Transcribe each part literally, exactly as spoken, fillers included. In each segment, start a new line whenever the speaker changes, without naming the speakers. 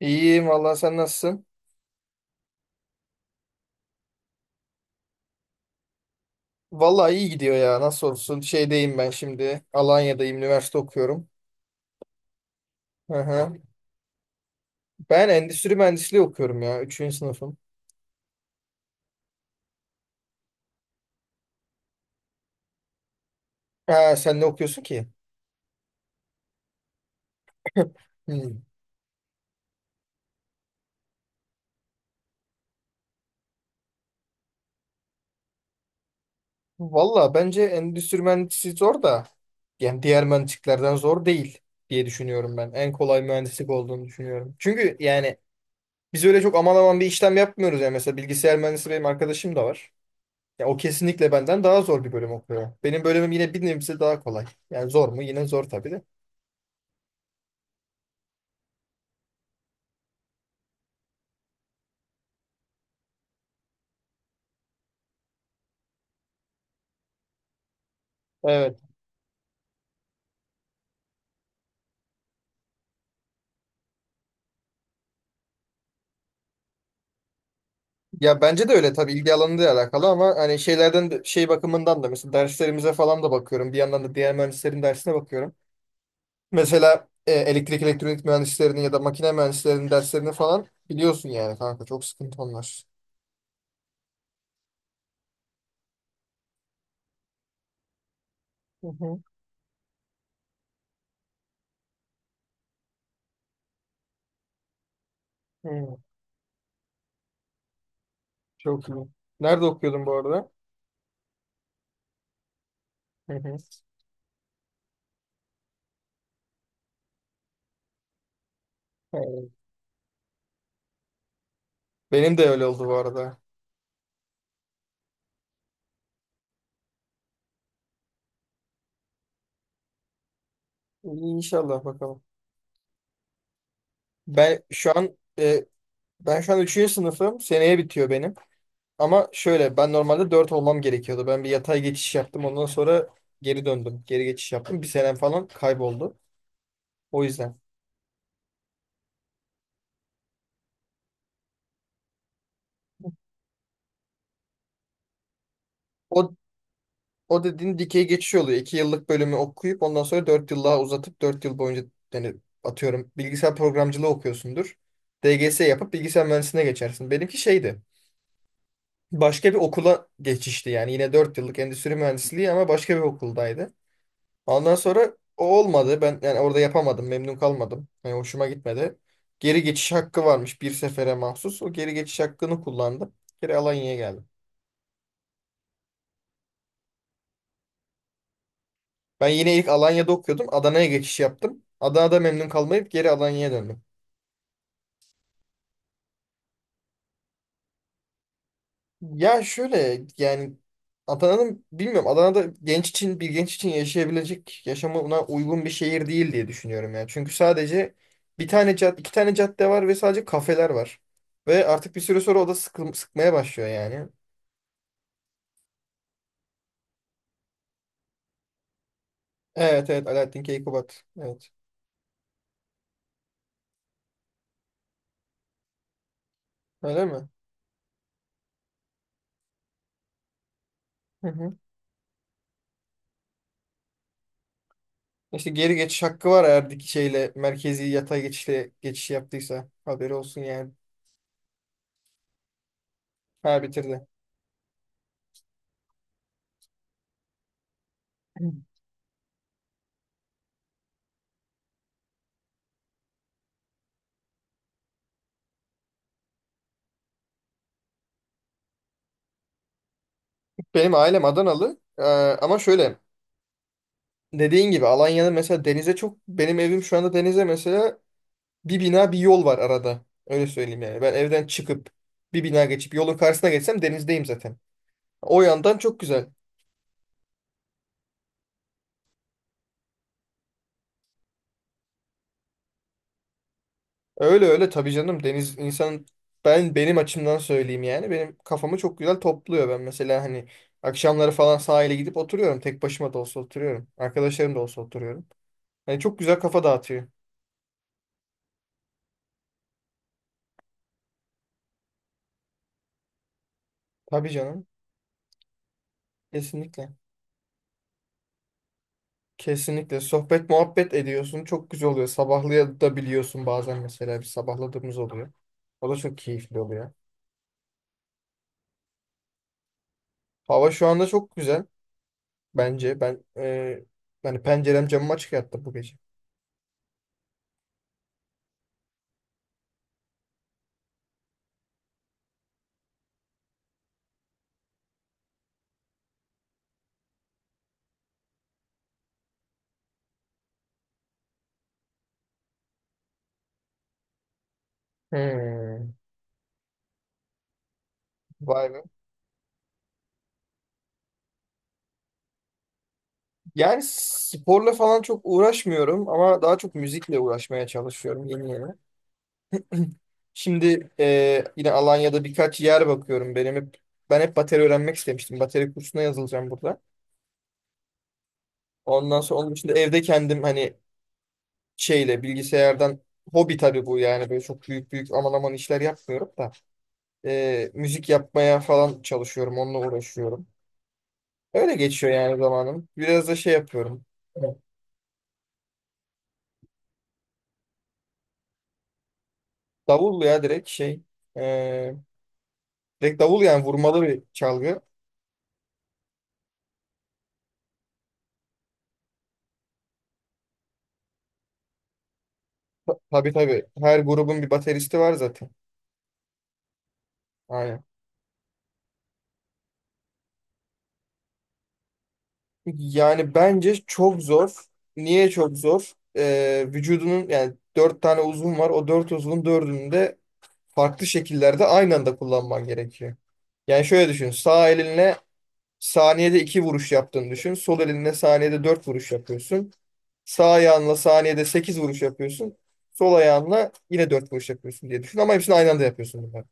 İyiyim valla, sen nasılsın? Valla iyi gidiyor ya, nasıl olsun. Şeydeyim ben şimdi, Alanya'dayım, üniversite okuyorum. Hı hı. Ben endüstri mühendisliği okuyorum ya, üçüncü sınıfım. Ha, sen ne okuyorsun ki? Hmm. Valla bence endüstri mühendisliği zor da yani diğer mühendisliklerden zor değil diye düşünüyorum ben. En kolay mühendislik olduğunu düşünüyorum. Çünkü yani biz öyle çok aman aman bir işlem yapmıyoruz ya. Mesela bilgisayar mühendisi benim arkadaşım da var. Ya o kesinlikle benden daha zor bir bölüm okuyor. Benim bölümüm yine bir nebze daha kolay. Yani zor mu? Yine zor tabii de. Evet. Ya bence de öyle, tabii ilgi alanıyla alakalı ama hani şeylerden de- şey bakımından da mesela derslerimize falan da bakıyorum. Bir yandan da diğer mühendislerin dersine bakıyorum. Mesela e, elektrik elektronik mühendislerinin ya da makine mühendislerinin derslerini falan biliyorsun yani kanka, çok sıkıntı onlar. Hı hı. Hı. Çok iyi. Nerede okuyordun bu arada? Hı hı. Evet. Benim de öyle oldu bu arada. İnşallah, bakalım. Ben şu an e, Ben şu an üçüncü sınıfım. Seneye bitiyor benim. Ama şöyle, ben normalde dört olmam gerekiyordu. Ben bir yatay geçiş yaptım. Ondan sonra geri döndüm. Geri geçiş yaptım. Bir senem falan kayboldu. O yüzden. O, o dediğin dikey geçiş oluyor. iki yıllık bölümü okuyup ondan sonra dört yıl daha uzatıp dört yıl boyunca yani atıyorum bilgisayar programcılığı okuyorsundur. D G S yapıp bilgisayar mühendisliğine geçersin. Benimki şeydi. Başka bir okula geçişti yani. Yine dört yıllık endüstri mühendisliği ama başka bir okuldaydı. Ondan sonra o olmadı. Ben yani orada yapamadım. Memnun kalmadım. Yani hoşuma gitmedi. Geri geçiş hakkı varmış bir sefere mahsus. O geri geçiş hakkını kullandım. Geri Alanya'ya geldim. Ben yine ilk Alanya'da okuyordum. Adana'ya geçiş yaptım. Adana'da memnun kalmayıp geri Alanya'ya döndüm. Ya şöyle yani, Adana'nın bilmiyorum, Adana'da genç için, bir genç için yaşayabilecek, yaşamına uygun bir şehir değil diye düşünüyorum yani. Çünkü sadece bir tane cad iki tane cadde var ve sadece kafeler var. Ve artık bir süre sonra o da sıkıl- sıkmaya başlıyor yani. Evet evet, Alaaddin Keykubat. Evet. Öyle mi? Hı hı. İşte geri geçiş hakkı var eğer dik- şeyle merkezi yatay geçişle geçiş yaptıysa. Haberi olsun yani. Ha, bitirdi. Benim ailem Adanalı. Ee, ama şöyle, dediğin gibi Alanya'da mesela denize çok, benim evim şu anda denize mesela bir bina, bir yol var arada. Öyle söyleyeyim yani. Ben evden çıkıp bir bina geçip yolun karşısına geçsem denizdeyim zaten. O yandan çok güzel. Öyle öyle, tabii canım, deniz insan, ben benim açımdan söyleyeyim yani, benim kafamı çok güzel topluyor. Ben mesela hani akşamları falan sahile gidip oturuyorum, tek başıma da olsa oturuyorum, arkadaşlarım da olsa oturuyorum. Yani çok güzel kafa dağıtıyor. Tabii canım, kesinlikle. Kesinlikle sohbet muhabbet ediyorsun. Çok güzel oluyor. Sabahlayabiliyorsun bazen, mesela bir sabahladığımız oluyor. O da çok keyifli oluyor. Hava şu anda çok güzel bence. Ben e, yani pencerem, camım açık yattı bu gece. Hmm. Vay be. Yani sporla falan çok uğraşmıyorum ama daha çok müzikle uğraşmaya çalışıyorum yeni yeni. Şimdi e, yine Alanya'da birkaç yer bakıyorum. Benim hep ben hep bateri öğrenmek istemiştim. Bateri kursuna yazılacağım burada. Ondan sonra onun için de evde kendim, hani şeyle, bilgisayardan, hobi tabii bu yani, böyle çok büyük büyük aman aman işler yapmıyorum da Ee, müzik yapmaya falan çalışıyorum, onunla uğraşıyorum. Öyle geçiyor yani zamanım. Biraz da şey yapıyorum. Evet. Davul ya, direkt şey ee, direkt davul, yani vurmalı bir çalgı. Ta- Tabii tabii, her grubun bir bateristi var zaten. Aynen. Yani bence çok zor. Niye çok zor? Ee, vücudunun yani dört tane uzvun var. O dört uzvun dördünü de farklı şekillerde aynı anda kullanman gerekiyor. Yani şöyle düşün. Sağ elinle saniyede iki vuruş yaptığını düşün. Sol elinle saniyede dört vuruş yapıyorsun. Sağ ayağınla saniyede sekiz vuruş yapıyorsun. Sol ayağınla yine dört vuruş yapıyorsun diye düşün. Ama hepsini aynı anda yapıyorsun bunlar.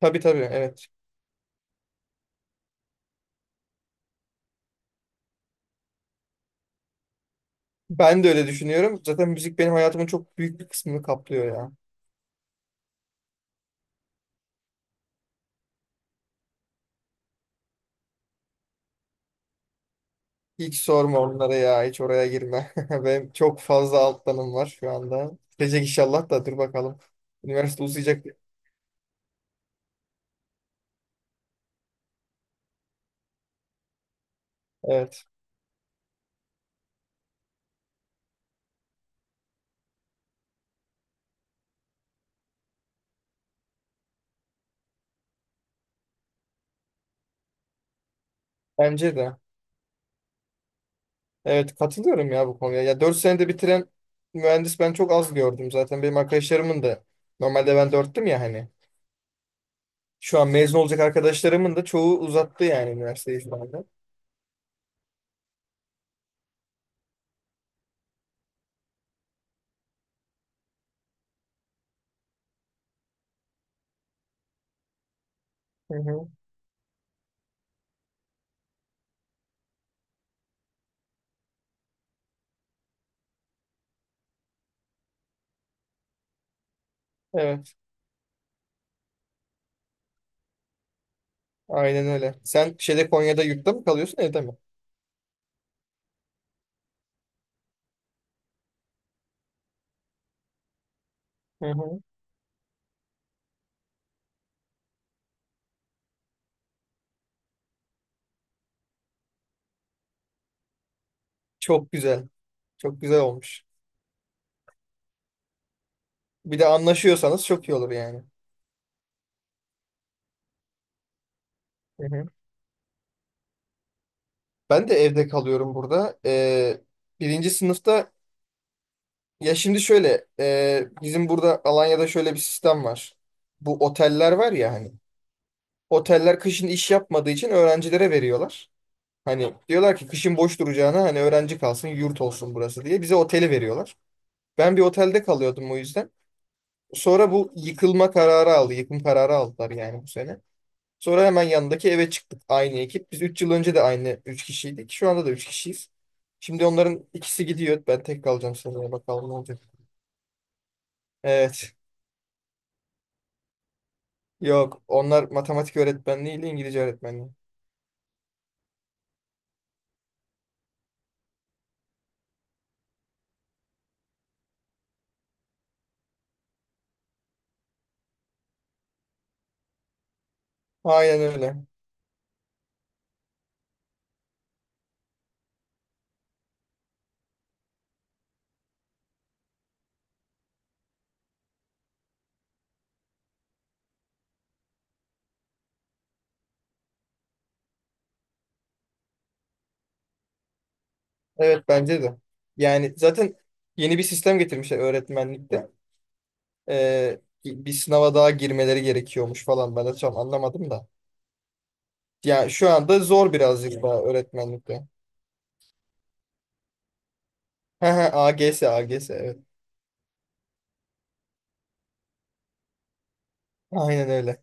Tabii tabii, evet. Ben de öyle düşünüyorum. Zaten müzik benim hayatımın çok büyük bir kısmını kaplıyor ya. Hiç sorma onlara ya. Hiç oraya girme. Benim çok fazla alt dalım var şu anda. Bitecek inşallah, da dur bakalım. Üniversite uzayacak. Evet. Bence de. Evet, katılıyorum ya bu konuya. Ya dört senede bitiren mühendis ben çok az gördüm zaten. Benim arkadaşlarımın da, normalde ben dörttüm ya hani. Şu an mezun olacak arkadaşlarımın da çoğu uzattı yani üniversiteyi şu anda. Hı hı. Evet, aynen öyle. Sen şeyde, Konya'da yurtta mı kalıyorsun, evde mi? Hı hı. Çok güzel. Çok güzel olmuş. Bir de anlaşıyorsanız çok iyi olur yani. Hı hı. Ben de evde kalıyorum burada. Ee, birinci sınıfta ya, şimdi şöyle, e, bizim burada Alanya'da şöyle bir sistem var. Bu oteller var ya hani. Oteller kışın iş yapmadığı için öğrencilere veriyorlar. Hani diyorlar ki kışın boş duracağına, hani öğrenci kalsın, yurt olsun burası diye, bize oteli veriyorlar. Ben bir otelde kalıyordum o yüzden. Sonra bu yıkılma kararı aldı, yıkım kararı aldılar yani bu sene. Sonra hemen yanındaki eve çıktık aynı ekip. Biz üç yıl önce de aynı üç kişiydik. Şu anda da üç kişiyiz. Şimdi onların ikisi gidiyor. Ben tek kalacağım, seneye bakalım ne olacak. Evet. Yok, onlar matematik öğretmenliği ile İngilizce öğretmenliği. Aynen öyle. Evet, bence de. Yani zaten yeni bir sistem getirmişler öğretmenlikte. Ee, bir sınava daha girmeleri gerekiyormuş falan. Ben de tam anlamadım da. Yani şu anda zor birazcık daha öğretmenlikte. A G S, A G S evet. Aynen öyle.